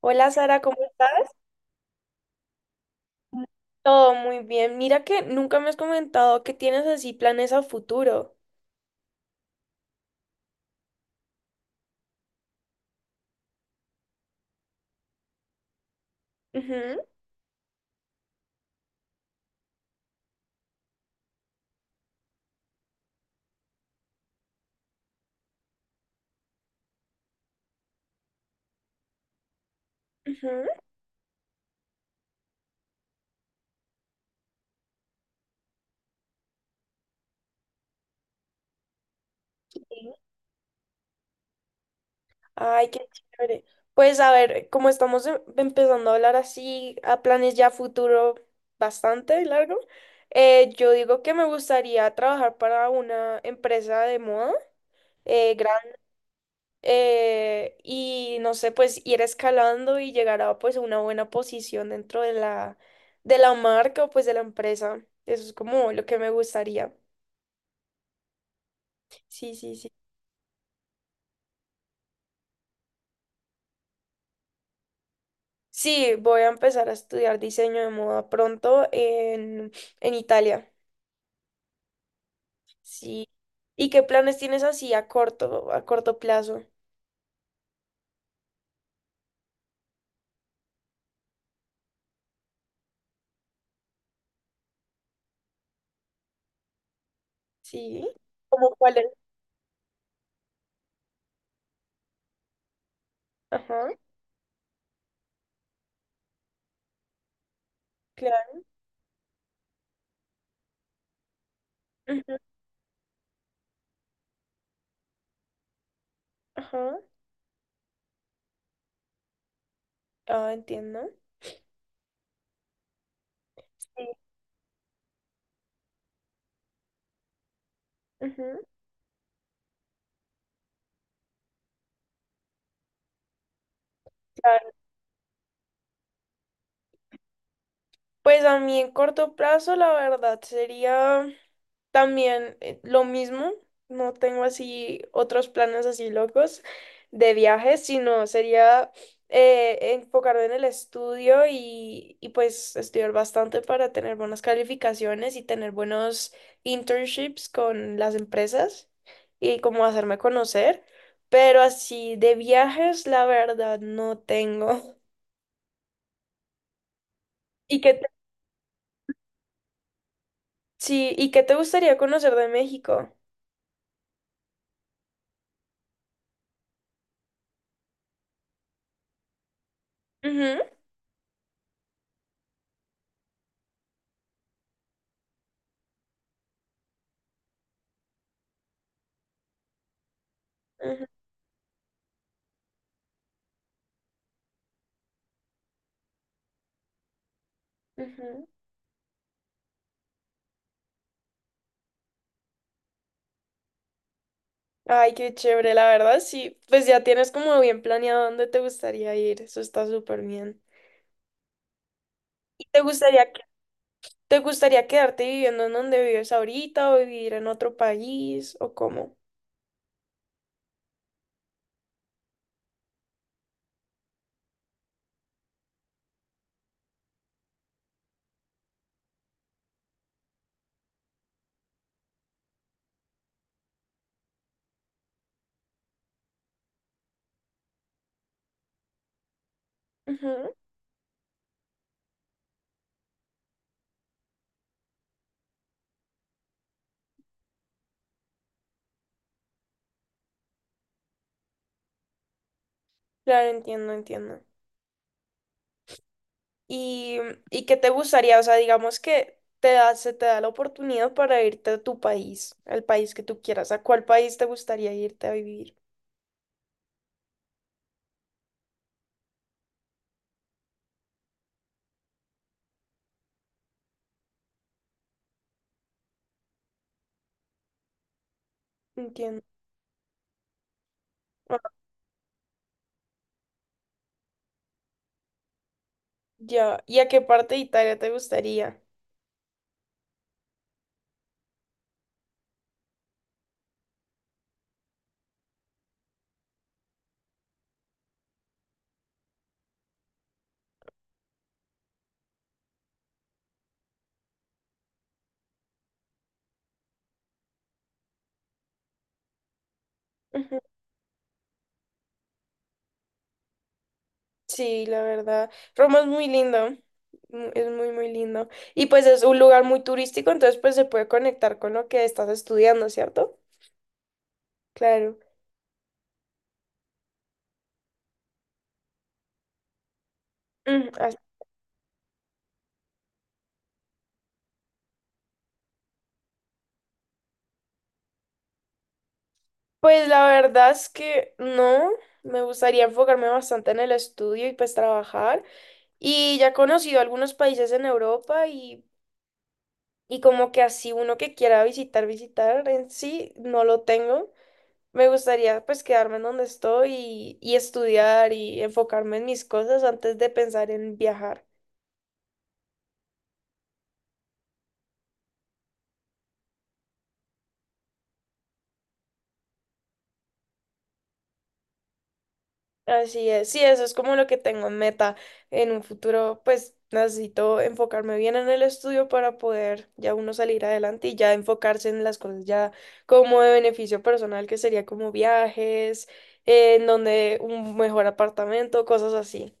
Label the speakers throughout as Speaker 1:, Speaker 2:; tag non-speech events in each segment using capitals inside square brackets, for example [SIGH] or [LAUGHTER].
Speaker 1: Hola Sara, ¿cómo estás? Todo muy bien. Mira que nunca me has comentado que tienes así planes a futuro. Ujú, ujú. Sí. Ay, qué chévere. Pues a ver, como estamos empezando a hablar así a planes ya a futuro bastante largo, yo digo que me gustaría trabajar para una empresa de moda, eh, y no sé, pues ir escalando y llegar a pues una buena posición dentro de de la marca o pues de la empresa. Eso es como lo que me gustaría. Sí, sí, sí. Sí, voy a empezar a estudiar diseño de moda pronto en Italia. Sí. ¿Y qué planes tienes así a a corto plazo? Sí. ¿Cómo cuáles? Ajá, claro. Ujú, ajá. Ah, entiendo. Sí. Ujú, claro. Pues a mí en corto plazo, la verdad, sería también lo mismo. No tengo así otros planes así locos de viajes, sino sería enfocarme en el estudio y pues estudiar bastante para tener buenas calificaciones y tener buenos internships con las empresas y como hacerme conocer. Pero así de viajes, la verdad, no tengo. [LAUGHS] ¿Y qué te- sí, ¿y qué te gustaría conocer de México? Ujú, ujú, ujú. Ay, qué chévere, la verdad, sí. Pues ya tienes como bien planeado dónde te gustaría ir. Eso está súper bien. ¿Y te gustaría, que- te gustaría quedarte viviendo en donde vives ahorita o vivir en otro país o cómo? Ujú, claro, entiendo, entiendo. ¿Y, y qué te gustaría? O sea, digamos que te se te da la oportunidad para irte a tu país, al país que tú quieras. ¿A cuál país te gustaría irte a vivir? Entiendo. Ah, ya. ¿Y a qué parte de Italia te gustaría? Sí, la verdad. Roma es muy lindo, es muy, muy lindo. Y pues es un lugar muy turístico, entonces pues se puede conectar con lo que estás estudiando, ¿cierto? Claro. Mm, as- Pues la verdad es que no, me gustaría enfocarme bastante en el estudio y pues trabajar. Y ya he conocido algunos países en Europa y como que así uno que quiera visitar en sí, no lo tengo. Me gustaría pues quedarme en donde estoy y estudiar y enfocarme en mis cosas antes de pensar en viajar. Así es, sí, eso es como lo que tengo en meta. En un futuro pues necesito enfocarme bien en el estudio para poder ya uno salir adelante y ya enfocarse en las cosas ya como de beneficio personal, que sería como viajes, en donde un mejor apartamento, cosas así.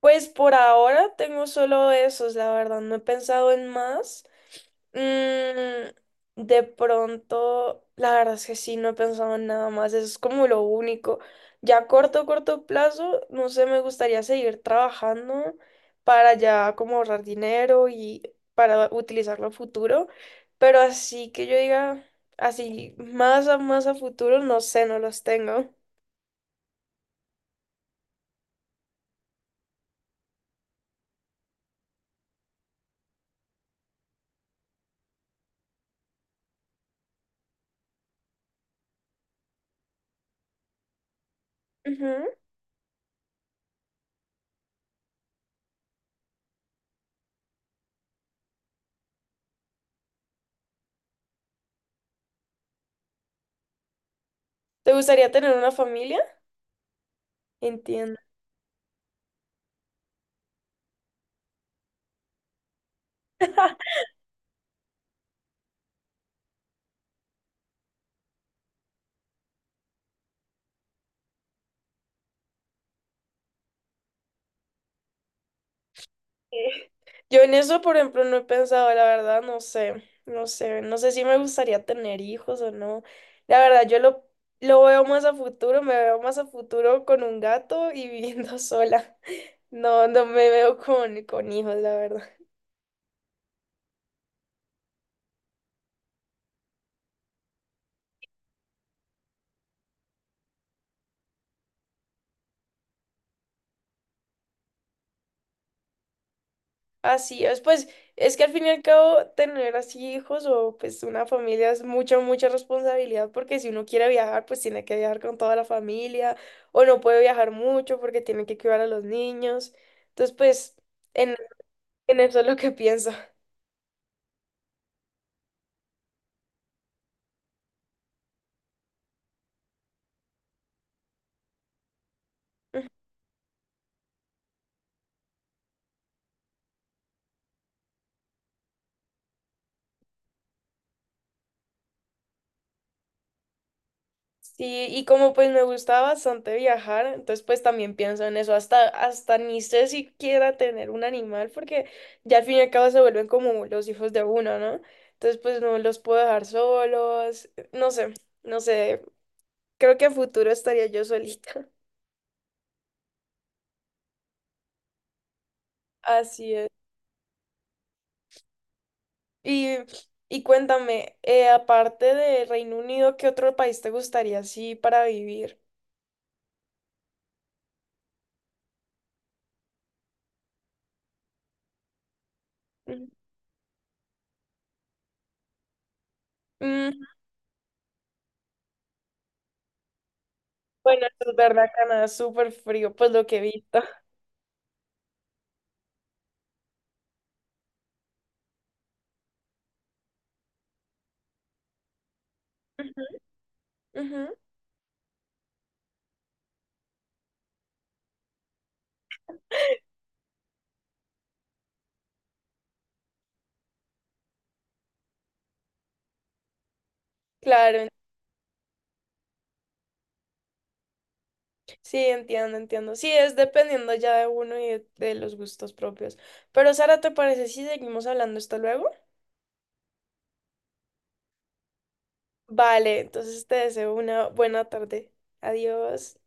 Speaker 1: Pues por ahora tengo solo esos, la verdad, no he pensado en más. Mm, de pronto, la verdad es que sí, no he pensado en nada más, eso es como lo único. Ya a corto plazo, no sé, me gustaría seguir trabajando para ya como ahorrar dinero y para utilizarlo a futuro, pero así que yo diga, así más a más a futuro, no sé, no los tengo. Ujú. ¿Te gustaría tener una familia? Entiendo. Eh, Yo en eso, por ejemplo, no he pensado, la verdad, no sé, no sé si me gustaría tener hijos o no. La verdad, lo veo más a futuro, me veo más a futuro con un gato y viviendo [LAUGHS] sola. No, no me veo con hijos, la verdad. Así es, pues es que al fin y al cabo tener así hijos o pues una familia es mucha responsabilidad porque si uno quiere viajar pues tiene que viajar con toda la familia o no puede viajar mucho porque tiene que cuidar a los niños. Entonces pues en, en eso es lo que pienso. Sí, y como pues me gusta bastante viajar, entonces pues también pienso en eso, hasta ni sé si quiera tener un animal, porque ya al fin y al cabo se vuelven como los hijos de uno, ¿no? Entonces pues no los puedo dejar solos, no sé, no sé, creo que a futuro estaría yo solita. [LAUGHS] Así es. Y, y cuéntame, aparte de Reino Unido, ¿qué otro país te gustaría así para vivir? Ujú. Mm, bueno, eso es verdad, Canadá es súper frío, pues lo que he visto. [LAUGHS] Ujú, Claro, en- sí, entiendo, entiendo. Sí, es dependiendo ya de uno y de los gustos propios. Pero Sara, ¿te parece si seguimos hablando esto luego? Vale, entonces te deseo una buena tarde. Adiós.